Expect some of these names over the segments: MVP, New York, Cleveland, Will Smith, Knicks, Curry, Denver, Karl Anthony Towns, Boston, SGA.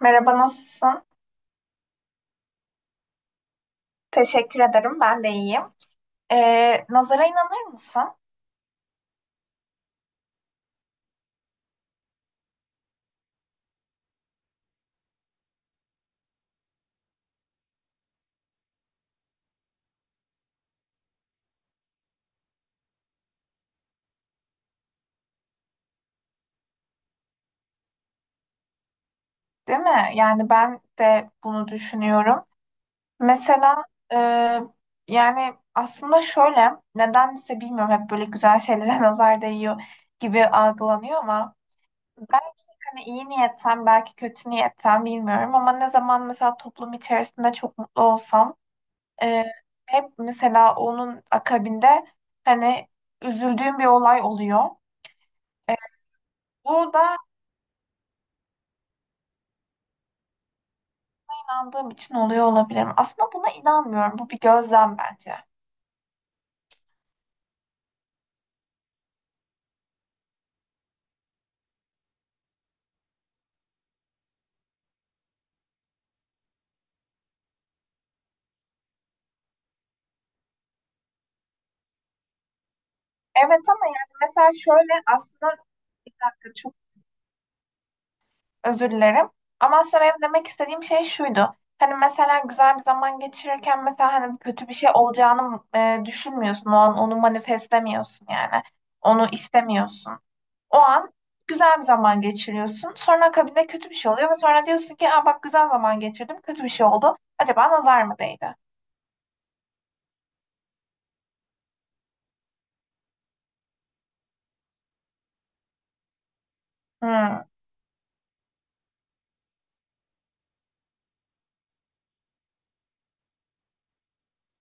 Merhaba, nasılsın? Teşekkür ederim, ben de iyiyim. Nazara inanır mısın? Değil mi? Yani ben de bunu düşünüyorum. Mesela e, yani aslında şöyle, nedense bilmiyorum hep böyle güzel şeylere nazar değiyor gibi algılanıyor ama belki hani iyi niyetten, belki kötü niyetten bilmiyorum ama ne zaman mesela toplum içerisinde çok mutlu olsam e, hep mesela onun akabinde hani üzüldüğüm bir olay oluyor. Burada İnandığım için oluyor olabilirim. Aslında buna inanmıyorum. Bu bir gözlem bence. Evet ama yani mesela şöyle aslında bir dakika. Özür dilerim. Ama aslında benim demek istediğim şey şuydu. Hani mesela güzel bir zaman geçirirken mesela hani kötü bir şey olacağını düşünmüyorsun. O an onu manifestlemiyorsun yani. Onu istemiyorsun. O an güzel bir zaman geçiriyorsun. Sonra akabinde kötü bir şey oluyor ve sonra diyorsun ki, aa, bak güzel zaman geçirdim, kötü bir şey oldu. Acaba nazar mı değdi? Hmm,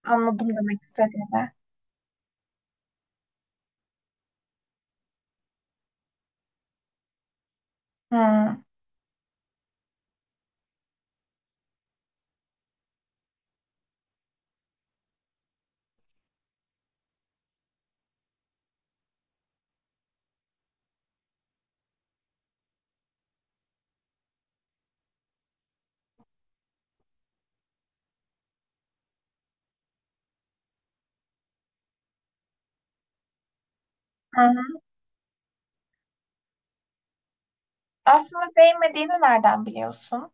anladım demek istediğini. Hmm. Hı hı. Aslında değmediğini nereden biliyorsun?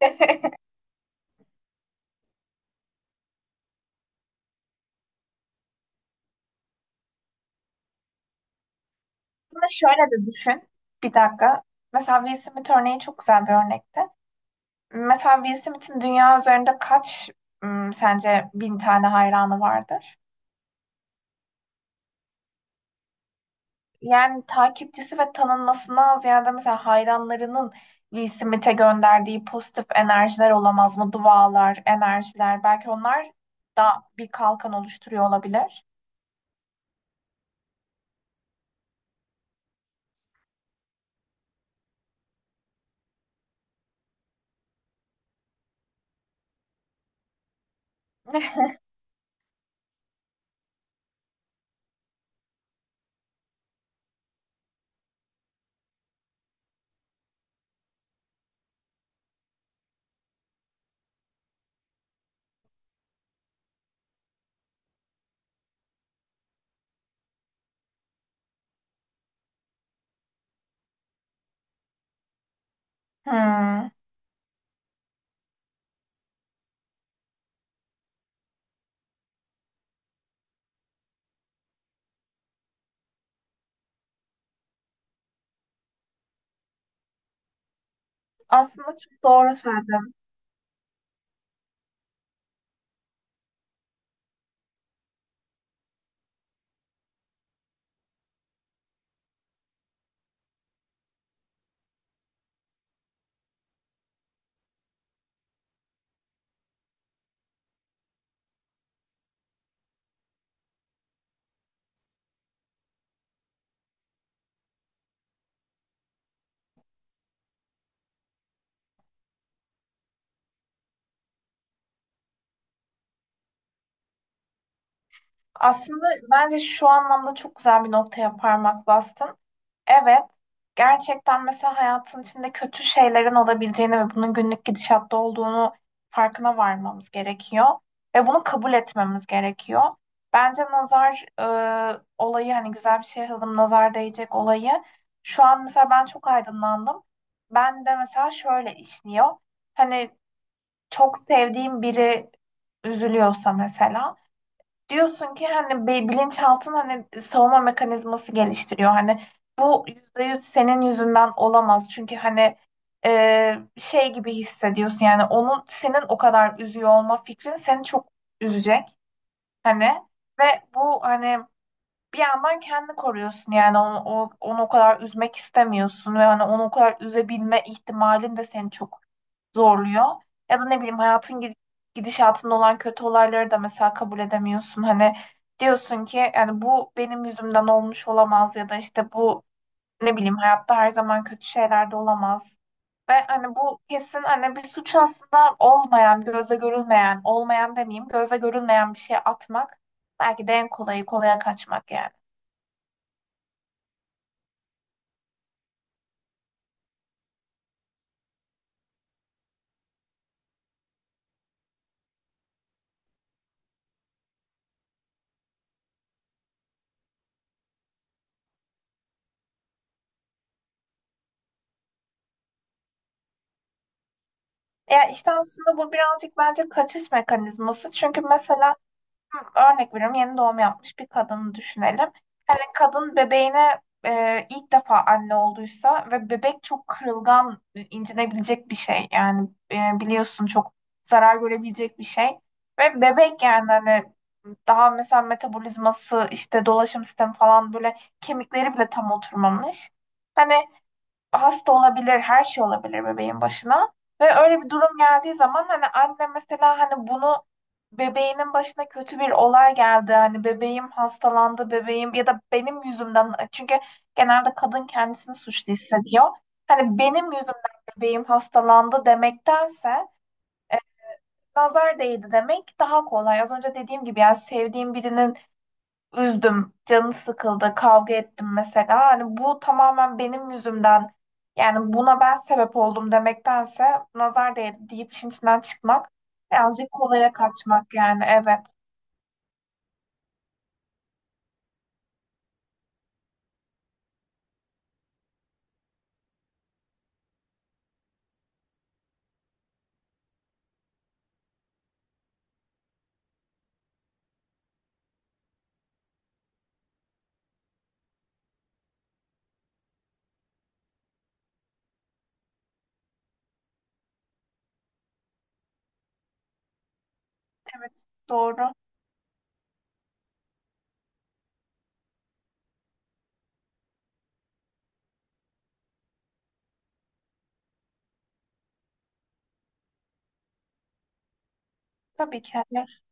Ama şöyle de düşün. Bir dakika. Mesela Will Smith örneği çok güzel bir örnekti. Mesela Will Smith'in dünya üzerinde kaç, sence bin tane hayranı vardır? Yani takipçisi ve tanınmasından ziyade mesela hayranlarının Will Smith'e gönderdiği pozitif enerjiler olamaz mı? Dualar, enerjiler. Belki onlar da bir kalkan oluşturuyor olabilir. Hmm. Aslında çok doğru söyledin. Aslında bence şu anlamda çok güzel bir noktaya parmak bastın. Evet, gerçekten mesela hayatın içinde kötü şeylerin olabileceğini ve bunun günlük gidişatta olduğunu farkına varmamız gerekiyor ve bunu kabul etmemiz gerekiyor. Bence nazar olayı hani güzel bir şey yazalım, nazar değecek olayı. Şu an mesela ben çok aydınlandım. Ben de mesela şöyle işliyor. Hani çok sevdiğim biri üzülüyorsa mesela diyorsun ki hani bilinçaltın hani savunma mekanizması geliştiriyor. Hani bu %100 senin yüzünden olamaz. Çünkü hani şey gibi hissediyorsun yani onun senin o kadar üzüyor olma fikrin seni çok üzecek. Hani ve bu hani bir yandan kendini koruyorsun yani onu o kadar üzmek istemiyorsun ve hani onu o kadar üzebilme ihtimalin de seni çok zorluyor. Ya da ne bileyim hayatın gidişatında olan kötü olayları da mesela kabul edemiyorsun. Hani diyorsun ki yani bu benim yüzümden olmuş olamaz ya da işte bu ne bileyim hayatta her zaman kötü şeyler de olamaz. Ve hani bu kesin hani bir suç aslında olmayan, gözle görülmeyen, olmayan demeyeyim, gözle görülmeyen bir şey atmak belki de en kolayı kolaya kaçmak yani. Ya işte aslında bu birazcık bence kaçış mekanizması. Çünkü mesela örnek veriyorum, yeni doğum yapmış bir kadını düşünelim. Hani kadın bebeğine ilk defa anne olduysa ve bebek çok kırılgan, incinebilecek bir şey. Yani biliyorsun çok zarar görebilecek bir şey. Ve bebek yani hani daha mesela metabolizması işte dolaşım sistemi falan böyle kemikleri bile tam oturmamış. Hani hasta olabilir, her şey olabilir bebeğin başına. Ve öyle bir durum geldiği zaman hani anne mesela hani bunu bebeğinin başına kötü bir olay geldi. Hani bebeğim hastalandı, bebeğim ya da benim yüzümden, çünkü genelde kadın kendisini suçlu hissediyor. Hani benim yüzümden bebeğim hastalandı demektense nazar değdi demek daha kolay. Az önce dediğim gibi yani sevdiğim birinin üzdüm, canı sıkıldı, kavga ettim mesela. Hani bu tamamen benim yüzümden, yani buna ben sebep oldum demektense nazar değdi deyip işin içinden çıkmak birazcık kolaya kaçmak yani, evet. Evet, doğru. Tabii ki hayır.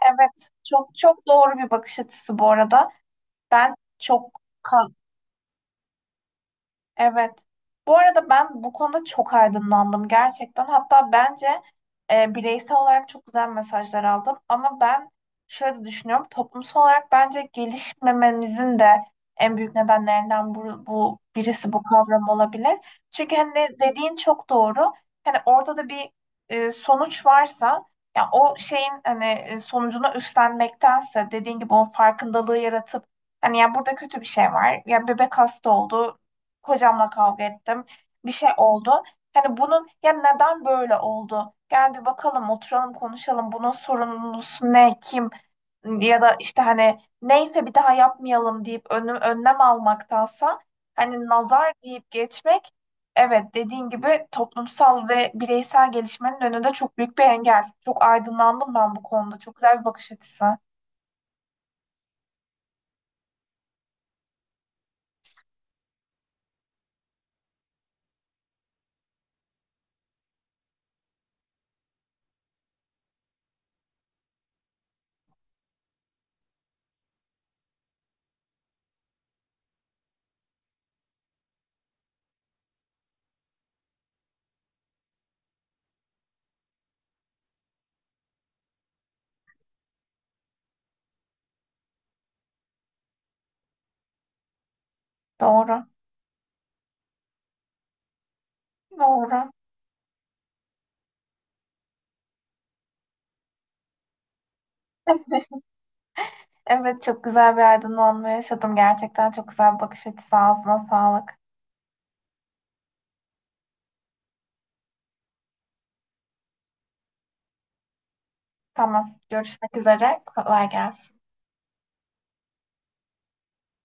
Evet, çok çok doğru bir bakış açısı bu arada. Ben çok ka- evet. Bu arada ben bu konuda çok aydınlandım gerçekten. Hatta bence bireysel olarak çok güzel mesajlar aldım. Ama ben şöyle düşünüyorum. Toplumsal olarak bence gelişmememizin de en büyük nedenlerinden bu, birisi bu kavram olabilir. Çünkü hani dediğin çok doğru. Hani ortada bir sonuç varsa, ya o şeyin hani sonucunu üstlenmektense dediğin gibi o farkındalığı yaratıp, hani ya burada kötü bir şey var. Ya bebek hasta oldu. Hocamla kavga ettim. Bir şey oldu. Hani bunun ya neden böyle oldu? Gel bir bakalım, oturalım, konuşalım. Bunun sorumlusu ne, kim? Ya da işte hani neyse bir daha yapmayalım deyip önlem almaktansa hani nazar deyip geçmek, evet, dediğin gibi toplumsal ve bireysel gelişmenin önünde çok büyük bir engel. Çok aydınlandım ben bu konuda. Çok güzel bir bakış açısı. Doğru. Doğru. Evet, çok güzel bir aydınlanma yaşadım. Gerçekten çok güzel bir bakış açısı. Ağzına sağlık. Tamam. Görüşmek üzere. Kolay gelsin.